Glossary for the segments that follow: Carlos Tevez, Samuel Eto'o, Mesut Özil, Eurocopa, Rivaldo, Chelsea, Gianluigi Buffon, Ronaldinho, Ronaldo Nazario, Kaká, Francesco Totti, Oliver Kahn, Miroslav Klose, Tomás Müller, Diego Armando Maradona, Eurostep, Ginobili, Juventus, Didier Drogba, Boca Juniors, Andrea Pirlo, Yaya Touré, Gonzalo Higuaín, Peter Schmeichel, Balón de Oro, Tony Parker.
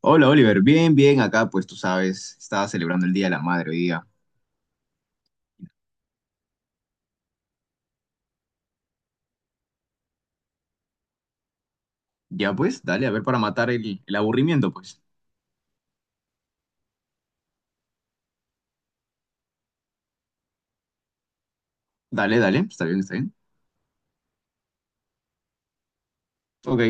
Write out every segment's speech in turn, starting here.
Hola Oliver, bien, bien, acá pues tú sabes, estaba celebrando el Día de la Madre hoy día. Ya pues, dale, a ver para matar el aburrimiento pues. Dale, dale, está bien, está bien. Ok,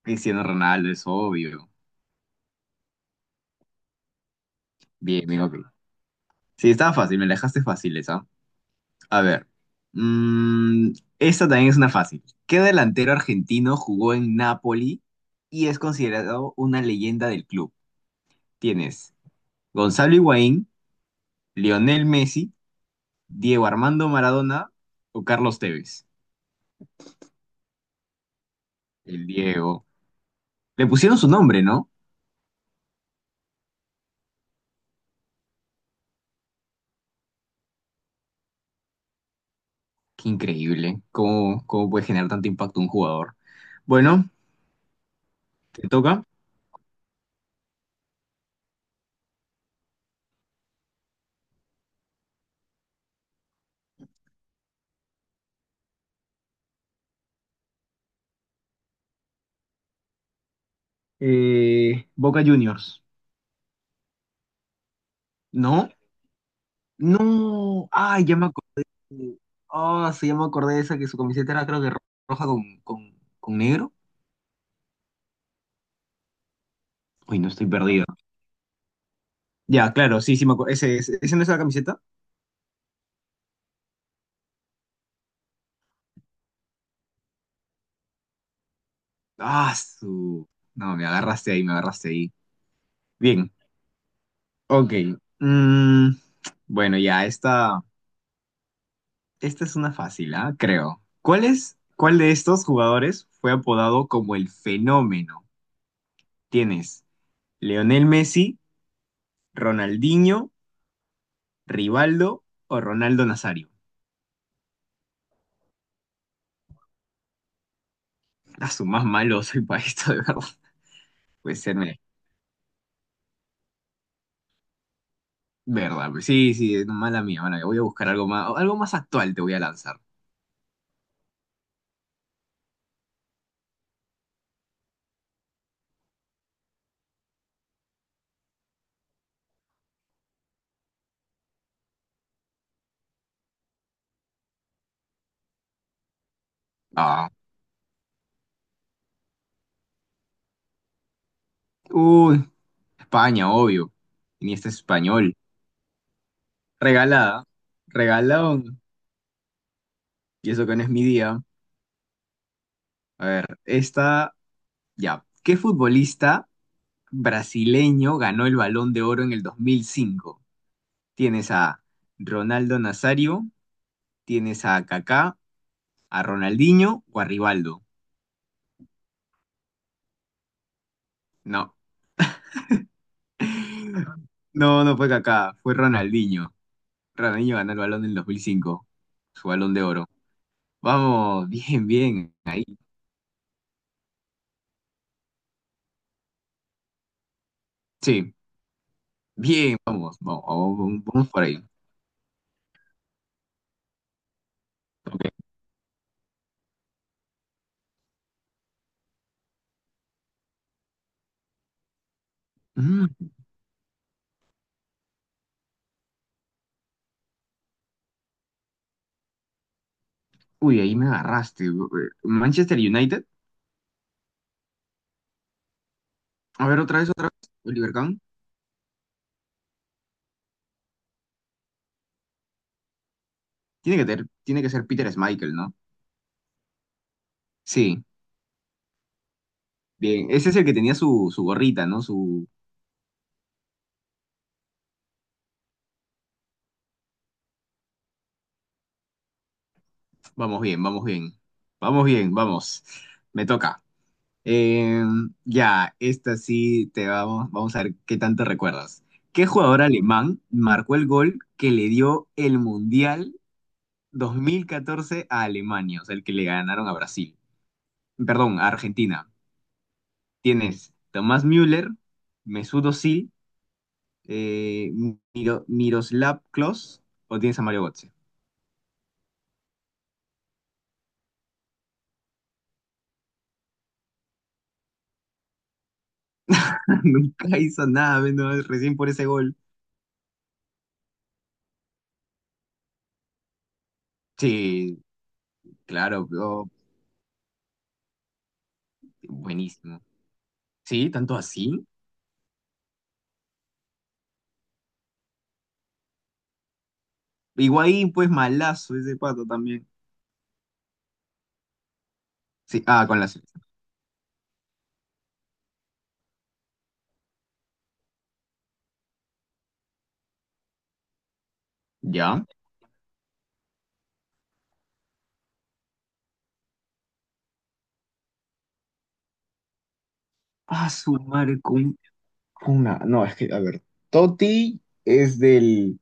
Cristiano Ronaldo es obvio. Bien, bien, ok. Sí, estaba fácil, me la dejaste fácil esa. A ver, mm, esta también es una fácil. ¿Qué delantero argentino jugó en Napoli y es considerado una leyenda del club? Tienes Gonzalo Higuaín, Lionel Messi, Diego Armando Maradona o Carlos Tevez. El Diego. Le pusieron su nombre, ¿no? Qué increíble. ¿Cómo, cómo puede generar tanto impacto un jugador? Bueno, te toca. Boca Juniors. ¿No? No. Ay, ya me acordé. Ah, sí, ya me acordé de esa que su camiseta era creo que roja con negro. Uy, no estoy perdido. Ya, claro, sí, sí me acuerdo. ¿Ese no es la camiseta? Ah, su. No, me agarraste ahí, me agarraste ahí. Bien, ok. Mm, bueno, ya, esta. Esta es una fácil, ¿ah? Creo. ¿Cuál es, cuál de estos jugadores fue apodado como el fenómeno? ¿Tienes Leonel Messi, Ronaldinho, Rivaldo o Ronaldo Nazario? A su más malo soy para esto, de verdad. Puede ser, mira, verdad. Pues sí, sí, mala mía, mala mía. Voy a buscar algo más actual te voy a lanzar. Ah. Uy, España, obvio. Ni este español. Regalada. Regalón. Y eso que no es mi día. A ver, esta. Ya. ¿Qué futbolista brasileño ganó el Balón de Oro en el 2005. Tienes a Ronaldo Nazario, tienes a Kaká, a Ronaldinho o a Rivaldo. No, no, no fue Kaká, fue Ronaldinho. Ronaldinho ganó el Balón en el 2005, su Balón de Oro. Vamos, bien, bien, ahí. Sí, bien, vamos por ahí. Ok. Mm, uy, ahí me agarraste. Manchester United. A ver, otra vez, otra vez. Oliver Kahn. Tiene que, tiene que ser Peter Schmeichel, ¿no? Sí, bien. Ese es el que tenía su, su gorrita, ¿no? Su... Vamos bien, vamos bien. Vamos bien, vamos. Me toca. Eh, ya, esta sí te vamos. Vamos a ver qué tanto recuerdas. ¿Qué jugador alemán marcó el gol que le dio el Mundial 2014 a Alemania? O sea, el que le ganaron a Brasil. Perdón, a Argentina. Tienes Tomás Müller, Mesut Özil, eh, Miroslav Klose o tienes a Mario Götze. Nunca hizo nada, menos recién por ese gol. Sí, claro, pero buenísimo. Sí, tanto así. Higuaín, pues malazo ese pato también. Sí, ah, con la selección. ¿Ya? Ah, su madre con una. No, es que, a ver. Totti es del.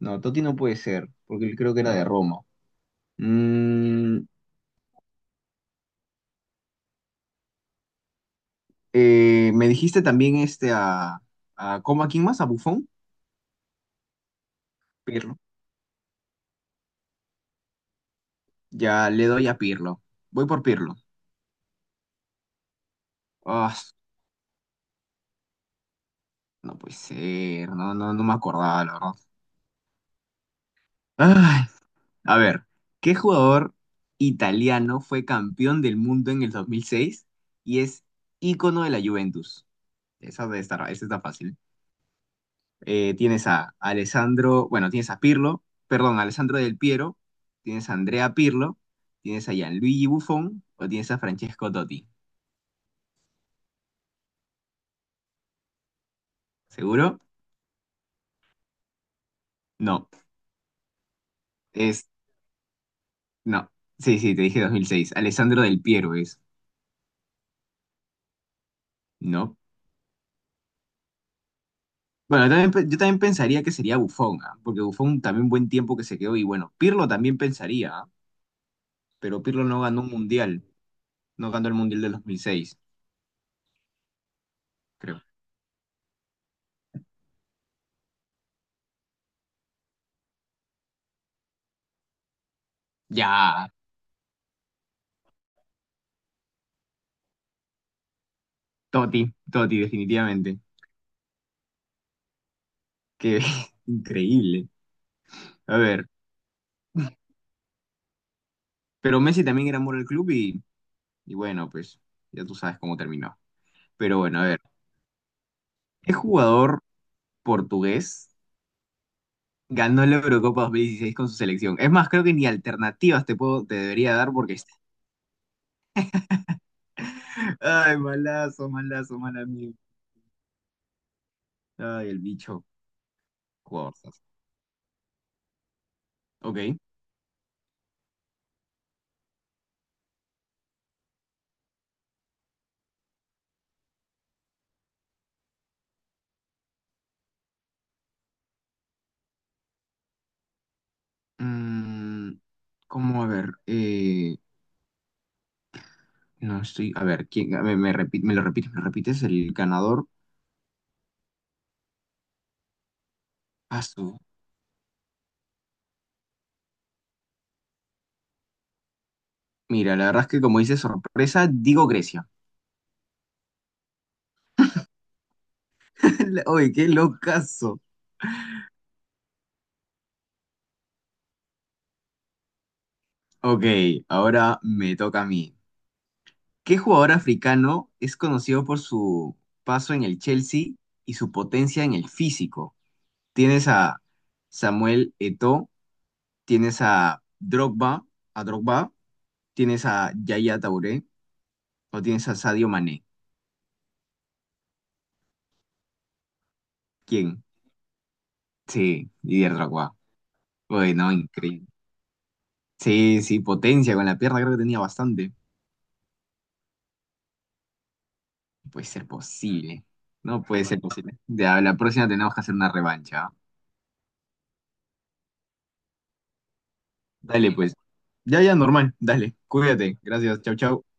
No, Totti no puede ser, porque él creo que era de Roma. Mm, me dijiste también este a. A ¿cómo a quién más? ¿A Buffon? Pirlo. Ya le doy a Pirlo. Voy por Pirlo. Ah, no puede ser, no, no, no me acordaba, la verdad. Ay, a ver, ¿qué jugador italiano fue campeón del mundo en el 2006 y es ícono de la Juventus? Esa debe estar, esa está fácil. Tienes a Alessandro, bueno, tienes a Pirlo, perdón, Alessandro Del Piero, tienes a Andrea Pirlo, tienes a Gianluigi Buffon o tienes a Francesco Totti. ¿Seguro? No, es, no. Sí, sí, te dije 2006. Alessandro Del Piero es, ¿no? Bueno, yo también, yo también pensaría que sería Buffon, ¿ah? Porque Buffon también buen tiempo que se quedó y bueno, Pirlo también pensaría, ¿ah? Pero Pirlo no ganó un mundial, no ganó el mundial del 2006, creo. Ya, Totti, Totti definitivamente, que increíble. A ver, pero Messi también era amor al club y bueno, pues ya tú sabes cómo terminó. Pero bueno, a ver, ¿qué jugador portugués ganó la Eurocopa 2016 con su selección? Es más, creo que ni alternativas te puedo, te debería dar porque... Ay, malazo, malazo, mal amigo. Ay, el bicho, cosas. Ok. Mm, ¿Cómo? A ver, no estoy. A ver, ¿quién? A ver, me, me lo repites, el ganador. Paso. Mira, la verdad es que como dice sorpresa, digo Grecia. Oye, qué locazo. Ok, ahora me toca a mí. ¿Qué jugador africano es conocido por su paso en el Chelsea y su potencia en el físico? Tienes a Samuel Eto'o, tienes a Drogba, tienes a Yaya Touré o tienes a Sadio Mané. ¿Quién? Sí, Didier Drogba. Bueno, increíble. Sí, sí, potencia con la pierna creo que tenía bastante. No puede ser posible. No puede ser posible. Ya, la próxima tenemos que hacer una revancha. ¿Ah? Dale, pues. Ya, ya, normal. Dale, cuídate. Gracias. Chau, chau.